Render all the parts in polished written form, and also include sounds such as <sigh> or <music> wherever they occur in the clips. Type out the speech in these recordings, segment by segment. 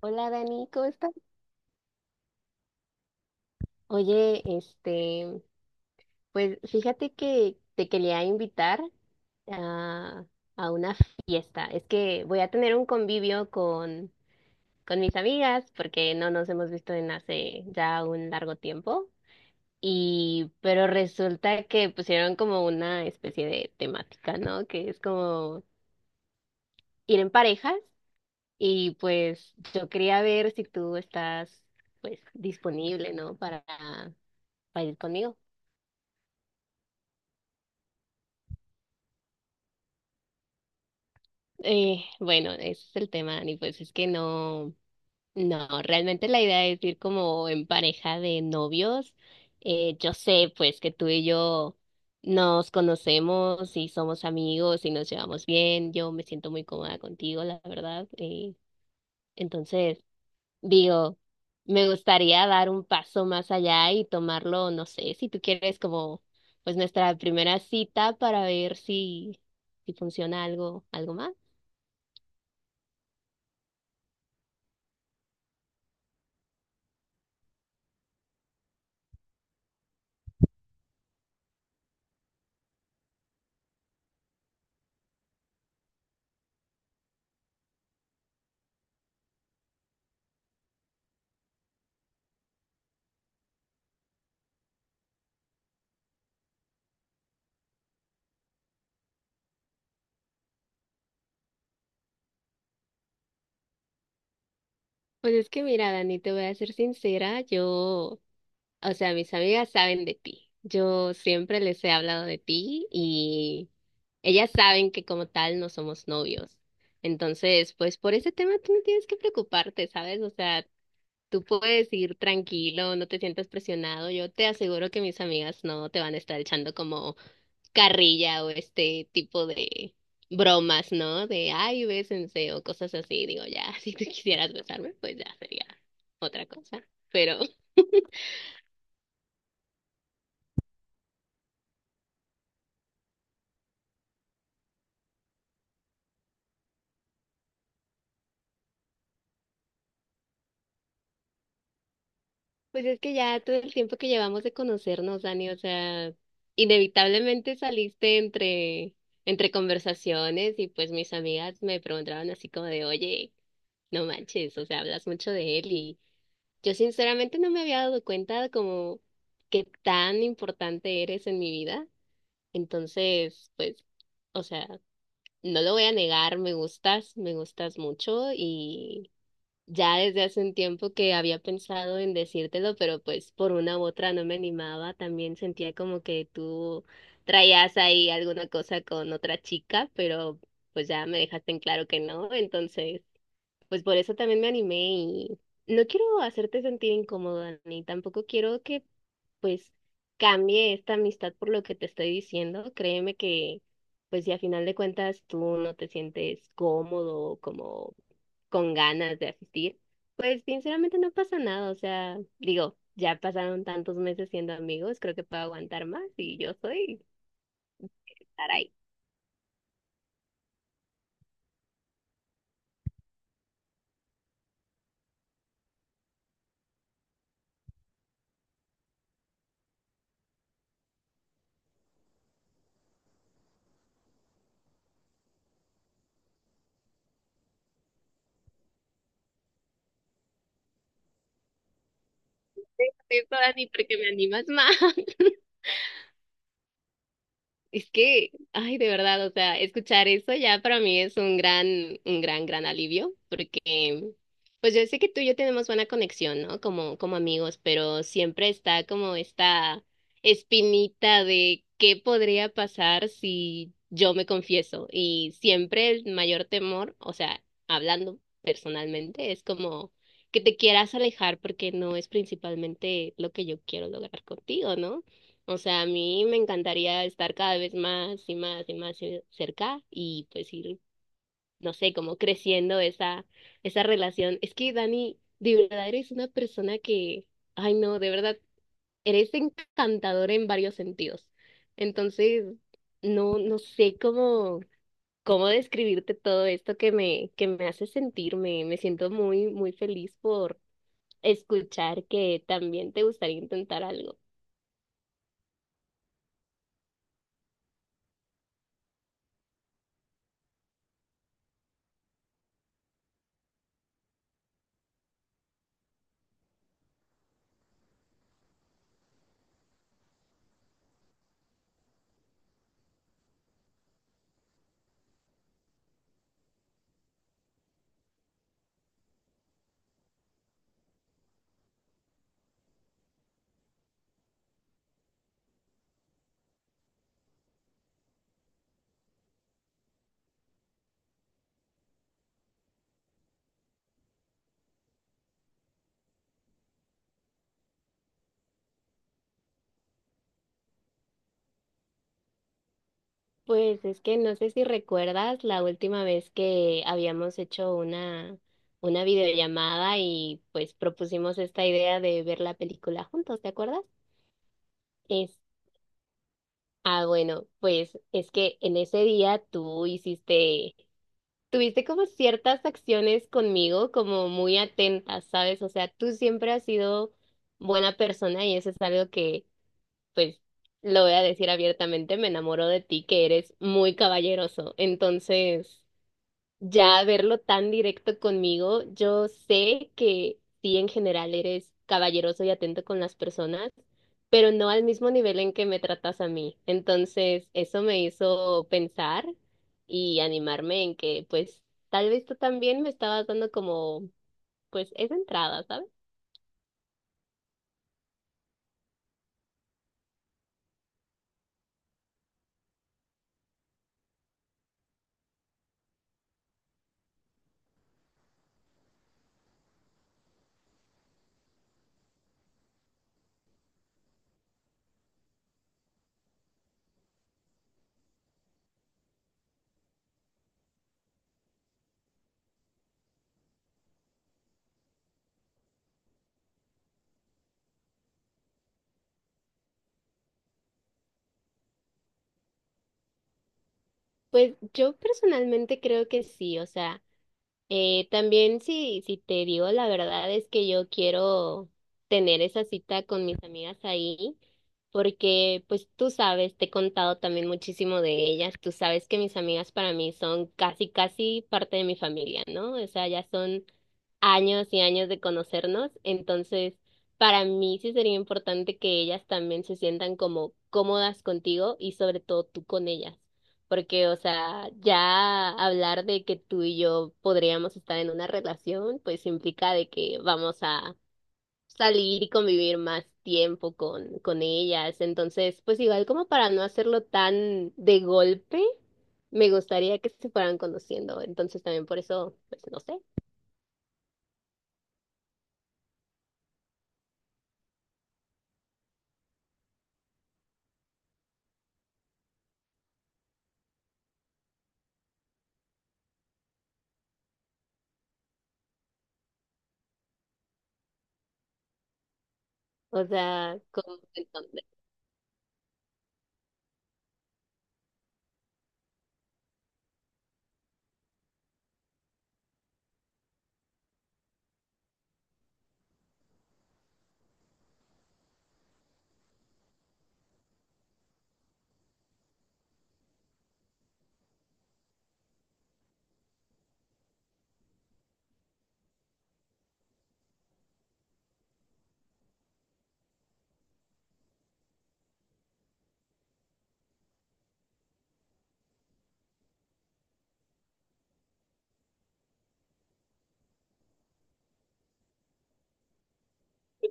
Hola Dani, ¿cómo estás? Oye, pues fíjate que te quería invitar a, a una fiesta. Es que voy a tener un convivio con mis amigas porque no nos hemos visto en hace ya un largo tiempo. Y, pero resulta que pusieron como una especie de temática, ¿no? Que es como ir en parejas. Y pues yo quería ver si tú estás, pues, disponible, ¿no? Para ir conmigo. Bueno, ese es el tema, Dani, pues es que no, realmente la idea es ir como en pareja de novios. Yo sé pues que tú y yo nos conocemos y somos amigos y nos llevamos bien, yo me siento muy cómoda contigo, la verdad. Entonces, digo, me gustaría dar un paso más allá y tomarlo, no sé, si tú quieres como pues nuestra primera cita para ver si funciona algo, algo más. Pues es que mira, Dani, te voy a ser sincera, yo, o sea, mis amigas saben de ti. Yo siempre les he hablado de ti y ellas saben que como tal no somos novios. Entonces, pues por ese tema tú no tienes que preocuparte, ¿sabes? O sea, tú puedes ir tranquilo, no te sientas presionado. Yo te aseguro que mis amigas no te van a estar echando como carrilla o este tipo de bromas, ¿no? De, ay, bésense o cosas así. Digo, ya, <laughs> si tú quisieras besarme, pues ya sería otra cosa. Pero, <laughs> pues es que ya todo el tiempo que llevamos de conocernos, Dani, o sea, inevitablemente saliste entre conversaciones y pues mis amigas me preguntaban así como de, oye, no manches, o sea, hablas mucho de él y yo sinceramente no me había dado cuenta como qué tan importante eres en mi vida. Entonces, pues, o sea, no lo voy a negar, me gustas mucho y ya desde hace un tiempo que había pensado en decírtelo, pero pues por una u otra no me animaba, también sentía como que tú traías ahí alguna cosa con otra chica, pero pues ya me dejaste en claro que no, entonces... Pues por eso también me animé y no quiero hacerte sentir incómoda, ni tampoco quiero que pues cambie esta amistad por lo que te estoy diciendo. Créeme que pues si a final de cuentas tú no te sientes cómodo, como con ganas de asistir, pues sinceramente no pasa nada. O sea, digo, ya pasaron tantos meses siendo amigos, creo que puedo aguantar más y yo soy estar ahí. Eso, Dani, porque me animas más. Es que, ay, de verdad, o sea, escuchar eso ya para mí es un gran, un gran alivio, porque pues yo sé que tú y yo tenemos buena conexión, ¿no? Como amigos, pero siempre está como esta espinita de qué podría pasar si yo me confieso. Y siempre el mayor temor, o sea, hablando personalmente, es como que te quieras alejar porque no es principalmente lo que yo quiero lograr contigo, ¿no? O sea, a mí me encantaría estar cada vez más y más y más cerca y pues ir, no sé, como creciendo esa relación. Es que Dani, de verdad eres una persona que, ay no, de verdad, eres encantadora en varios sentidos. Entonces, no, no sé cómo describirte todo esto que que me hace sentir. Me siento muy, muy feliz por escuchar que también te gustaría intentar algo. Pues es que no sé si recuerdas la última vez que habíamos hecho una videollamada y pues propusimos esta idea de ver la película juntos, ¿te acuerdas? Es, bueno, pues es que en ese día tuviste como ciertas acciones conmigo como muy atentas, ¿sabes? O sea, tú siempre has sido buena persona y eso es algo que, pues, lo voy a decir abiertamente, me enamoro de ti, que eres muy caballeroso. Entonces... ya verlo tan directo conmigo, yo sé que sí en general eres caballeroso y atento con las personas, pero no al mismo nivel en que me tratas a mí. Entonces, eso me hizo pensar y animarme en que pues tal vez tú también me estabas dando como pues esa entrada, ¿sabes? Pues yo personalmente creo que sí, o sea, también si te digo la verdad es que yo quiero tener esa cita con mis amigas ahí, porque pues tú sabes, te he contado también muchísimo de ellas, tú sabes que mis amigas para mí son casi, casi parte de mi familia, ¿no? O sea, ya son años y años de conocernos, entonces para mí sí sería importante que ellas también se sientan como cómodas contigo y sobre todo tú con ellas. Porque, o sea, ya hablar de que tú y yo podríamos estar en una relación, pues implica de que vamos a salir y convivir más tiempo con ellas. Entonces, pues igual como para no hacerlo tan de golpe, me gustaría que se fueran conociendo. Entonces también por eso, pues no sé. O sea, como entonces,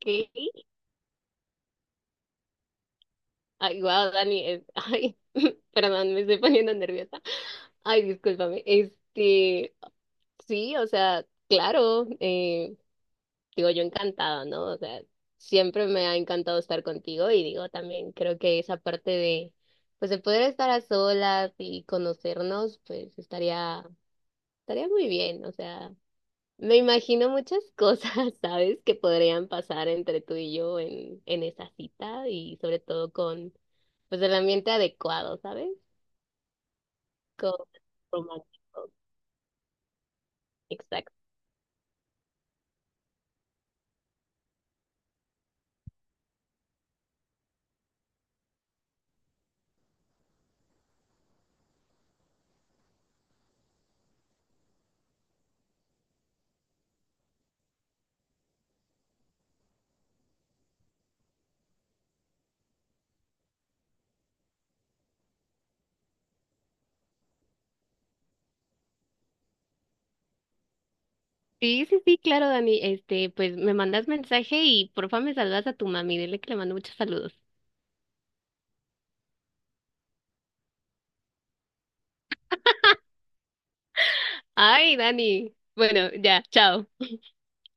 ¿qué? Ay, wow, Dani, ay, <laughs> perdón, me estoy poniendo nerviosa. Ay, discúlpame. Este, sí, o sea, claro, digo yo encantada, ¿no? O sea, siempre me ha encantado estar contigo y digo también creo que esa parte de, pues de poder estar a solas y conocernos, pues estaría muy bien, o sea, me imagino muchas cosas, <laughs> ¿sabes? Que podrían pasar entre tú y yo en esa cita y sobre todo con, pues el ambiente adecuado, ¿sabes? Con romántico, sí, sí, sí, claro, Dani. Este, pues me mandas mensaje y porfa me saludas a tu mami. Dile que le mando muchos saludos. Ay, Dani. Bueno, ya, chao.